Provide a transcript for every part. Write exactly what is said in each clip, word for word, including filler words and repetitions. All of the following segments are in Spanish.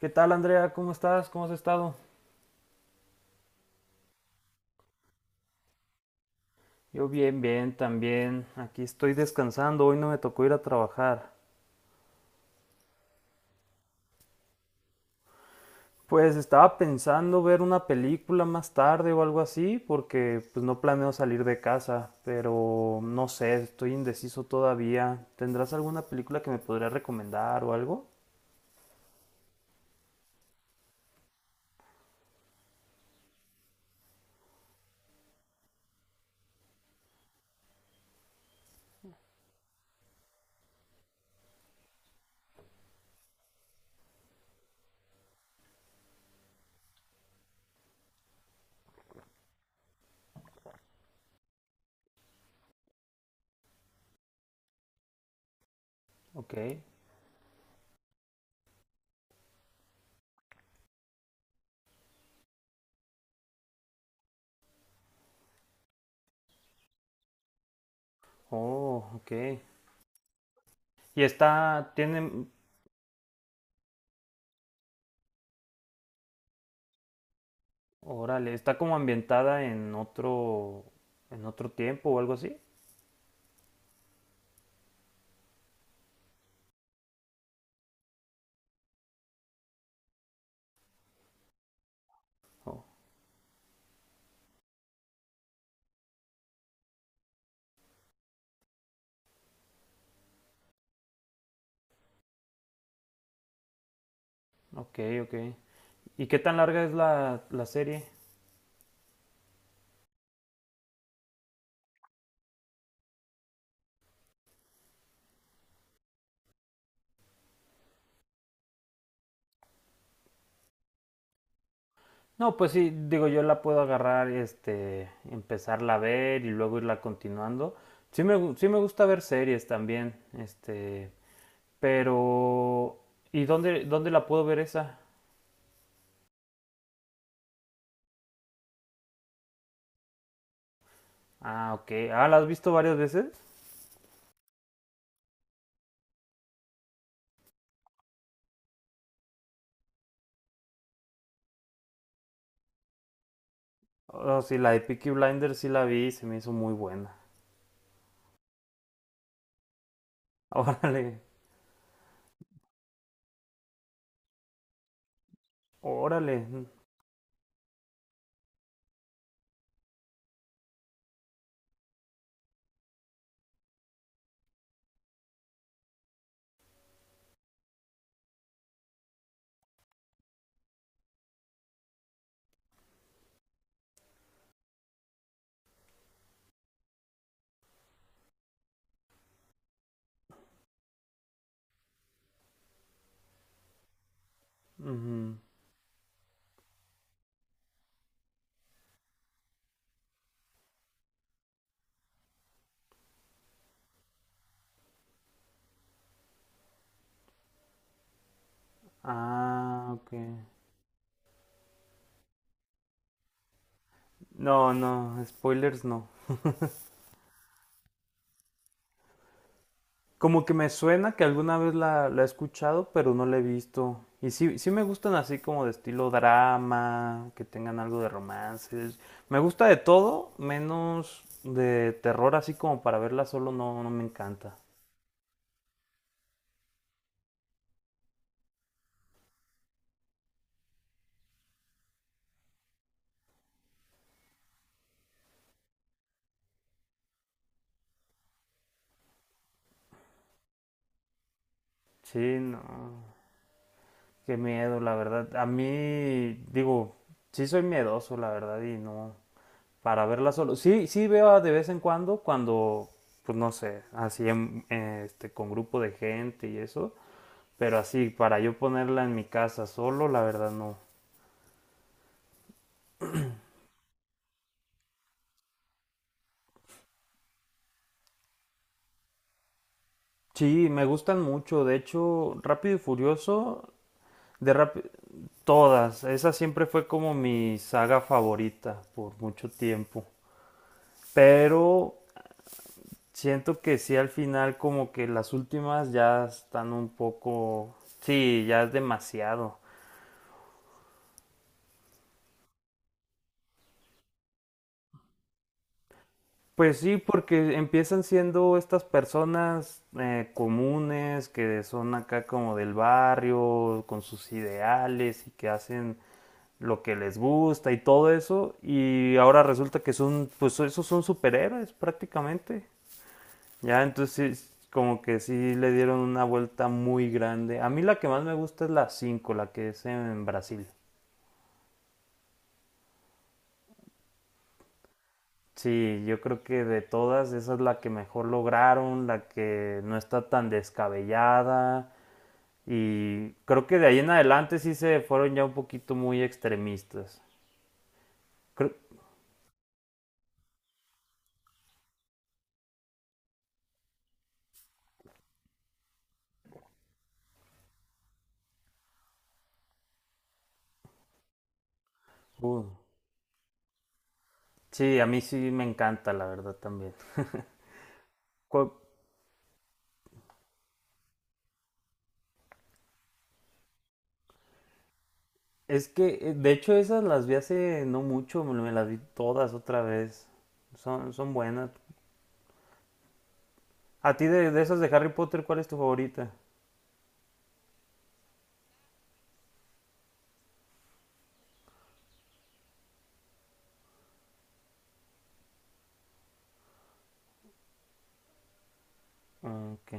¿Qué tal, Andrea? ¿Cómo estás? ¿Cómo has estado? Yo bien, bien, también. Aquí estoy descansando. Hoy no me tocó ir a trabajar. Pues estaba pensando ver una película más tarde o algo así, porque pues no planeo salir de casa, pero no sé, estoy indeciso todavía. ¿Tendrás alguna película que me podrías recomendar o algo? Ok. Oh, ok. Y está, tiene, órale, está como ambientada en otro, en otro tiempo o algo así. Oh, ok, ok. ¿Y qué tan larga es la, la serie? No, pues sí, digo, yo la puedo agarrar, este, empezarla a ver y luego irla continuando. Sí me, sí me gusta ver series también, este, pero... ¿Y dónde, dónde la puedo ver esa? Ah, ok. Ah, ¿la has visto varias veces? Oh, sí, la de Peaky Blinders sí la vi y se me hizo muy buena. Órale, órale. Ujú. Ah, ok. No, no, spoilers no. Como que me suena que alguna vez la, la he escuchado, pero no la he visto. Y sí, sí me gustan así como de estilo drama, que tengan algo de romances. Me gusta de todo, menos de terror, así como para verla solo no, no me encanta. Sí, no. Qué miedo, la verdad. A mí, digo, sí soy miedoso, la verdad, y no. Para verla solo. Sí, sí veo de vez en cuando, cuando, pues no sé, así en- eh, este, con grupo de gente y eso. Pero así, para yo ponerla en mi casa solo, la verdad no. Sí, me gustan mucho. De hecho, Rápido y Furioso, de Rápido... todas. Esa siempre fue como mi saga favorita por mucho tiempo. Pero siento que sí al final como que las últimas ya están un poco... Sí, ya es demasiado. Pues sí, porque empiezan siendo estas personas eh, comunes que son acá como del barrio, con sus ideales y que hacen lo que les gusta y todo eso, y ahora resulta que son, pues esos son superhéroes prácticamente. Ya, entonces como que sí le dieron una vuelta muy grande. A mí la que más me gusta es la cinco, la que es en Brasil. Sí, yo creo que de todas, esa es la que mejor lograron, la que no está tan descabellada. Y creo que de ahí en adelante sí se fueron ya un poquito muy extremistas. Creo- uh, sí, a mí sí me encanta, la verdad también. Cu- Es que, eh, de hecho, esas las vi hace no mucho, me me las vi todas otra vez. Son, son buenas. A ti de, de esas de Harry Potter, ¿cuál es tu favorita? Ok.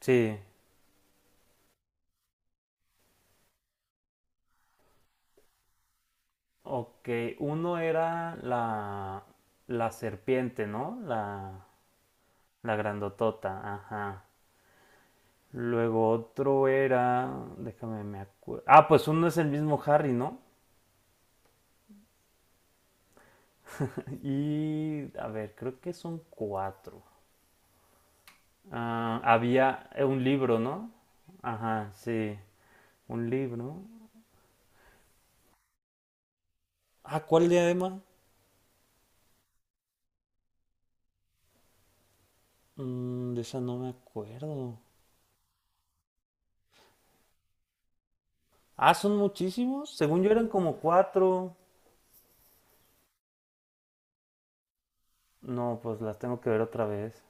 Sí. Ok, uno era la, la serpiente, ¿no? La, la grandotota, ajá. Luego otro era, déjame me acuerdo. Ah, pues uno es el mismo Harry, ¿no? Y a ver, creo que son cuatro. Ah, había eh, un libro, ¿no? Ajá, sí, un libro. Ah, ¿cuál diadema? Mm, de esa no me acuerdo. Ah, son muchísimos. Según yo eran como cuatro. No, pues las tengo que ver otra vez.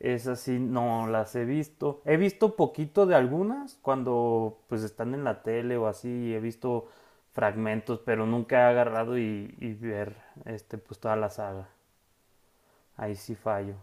Esas sí no las he visto. He visto poquito de algunas cuando pues están en la tele o así. He visto fragmentos, pero nunca he agarrado y, y ver este pues toda la saga. Ahí sí fallo.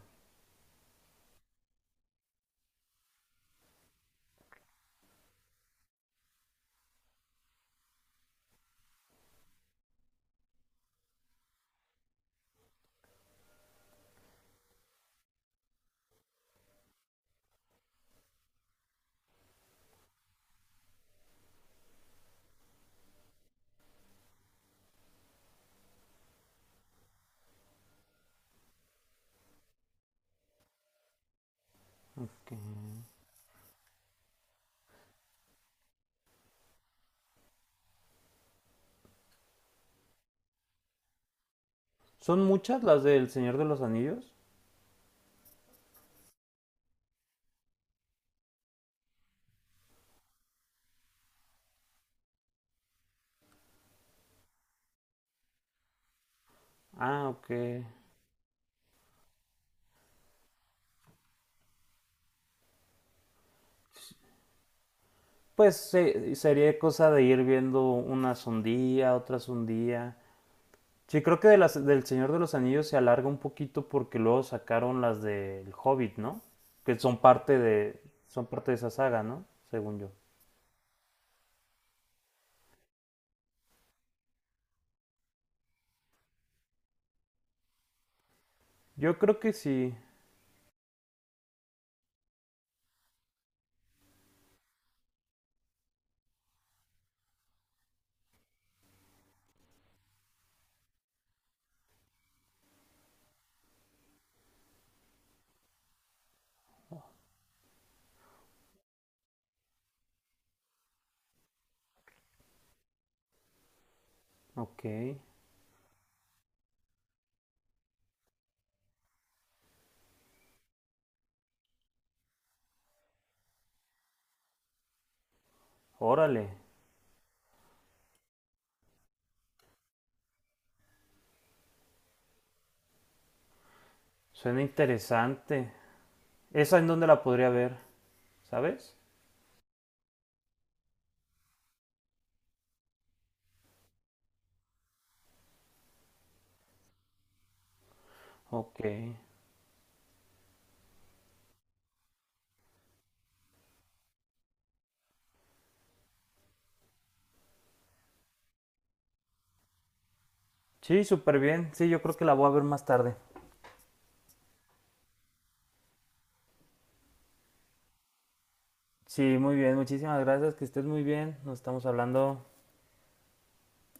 Okay. ¿Son muchas las del Señor de los Anillos? Ah, ok. Pues se- sería cosa de ir viendo unas un día, otras un día. Sí, creo que de las, del Señor de los Anillos se alarga un poquito porque luego sacaron las del Hobbit, ¿no? Que son parte de, son parte de esa saga, ¿no? Según yo. Yo creo que sí. Ok. Órale. Suena interesante. ¿Esa en dónde la podría ver? ¿Sabes? Ok. Sí, súper bien. Sí, yo creo que la voy a ver más tarde. Sí, muy bien. Muchísimas gracias. Que estés muy bien. Nos estamos hablando.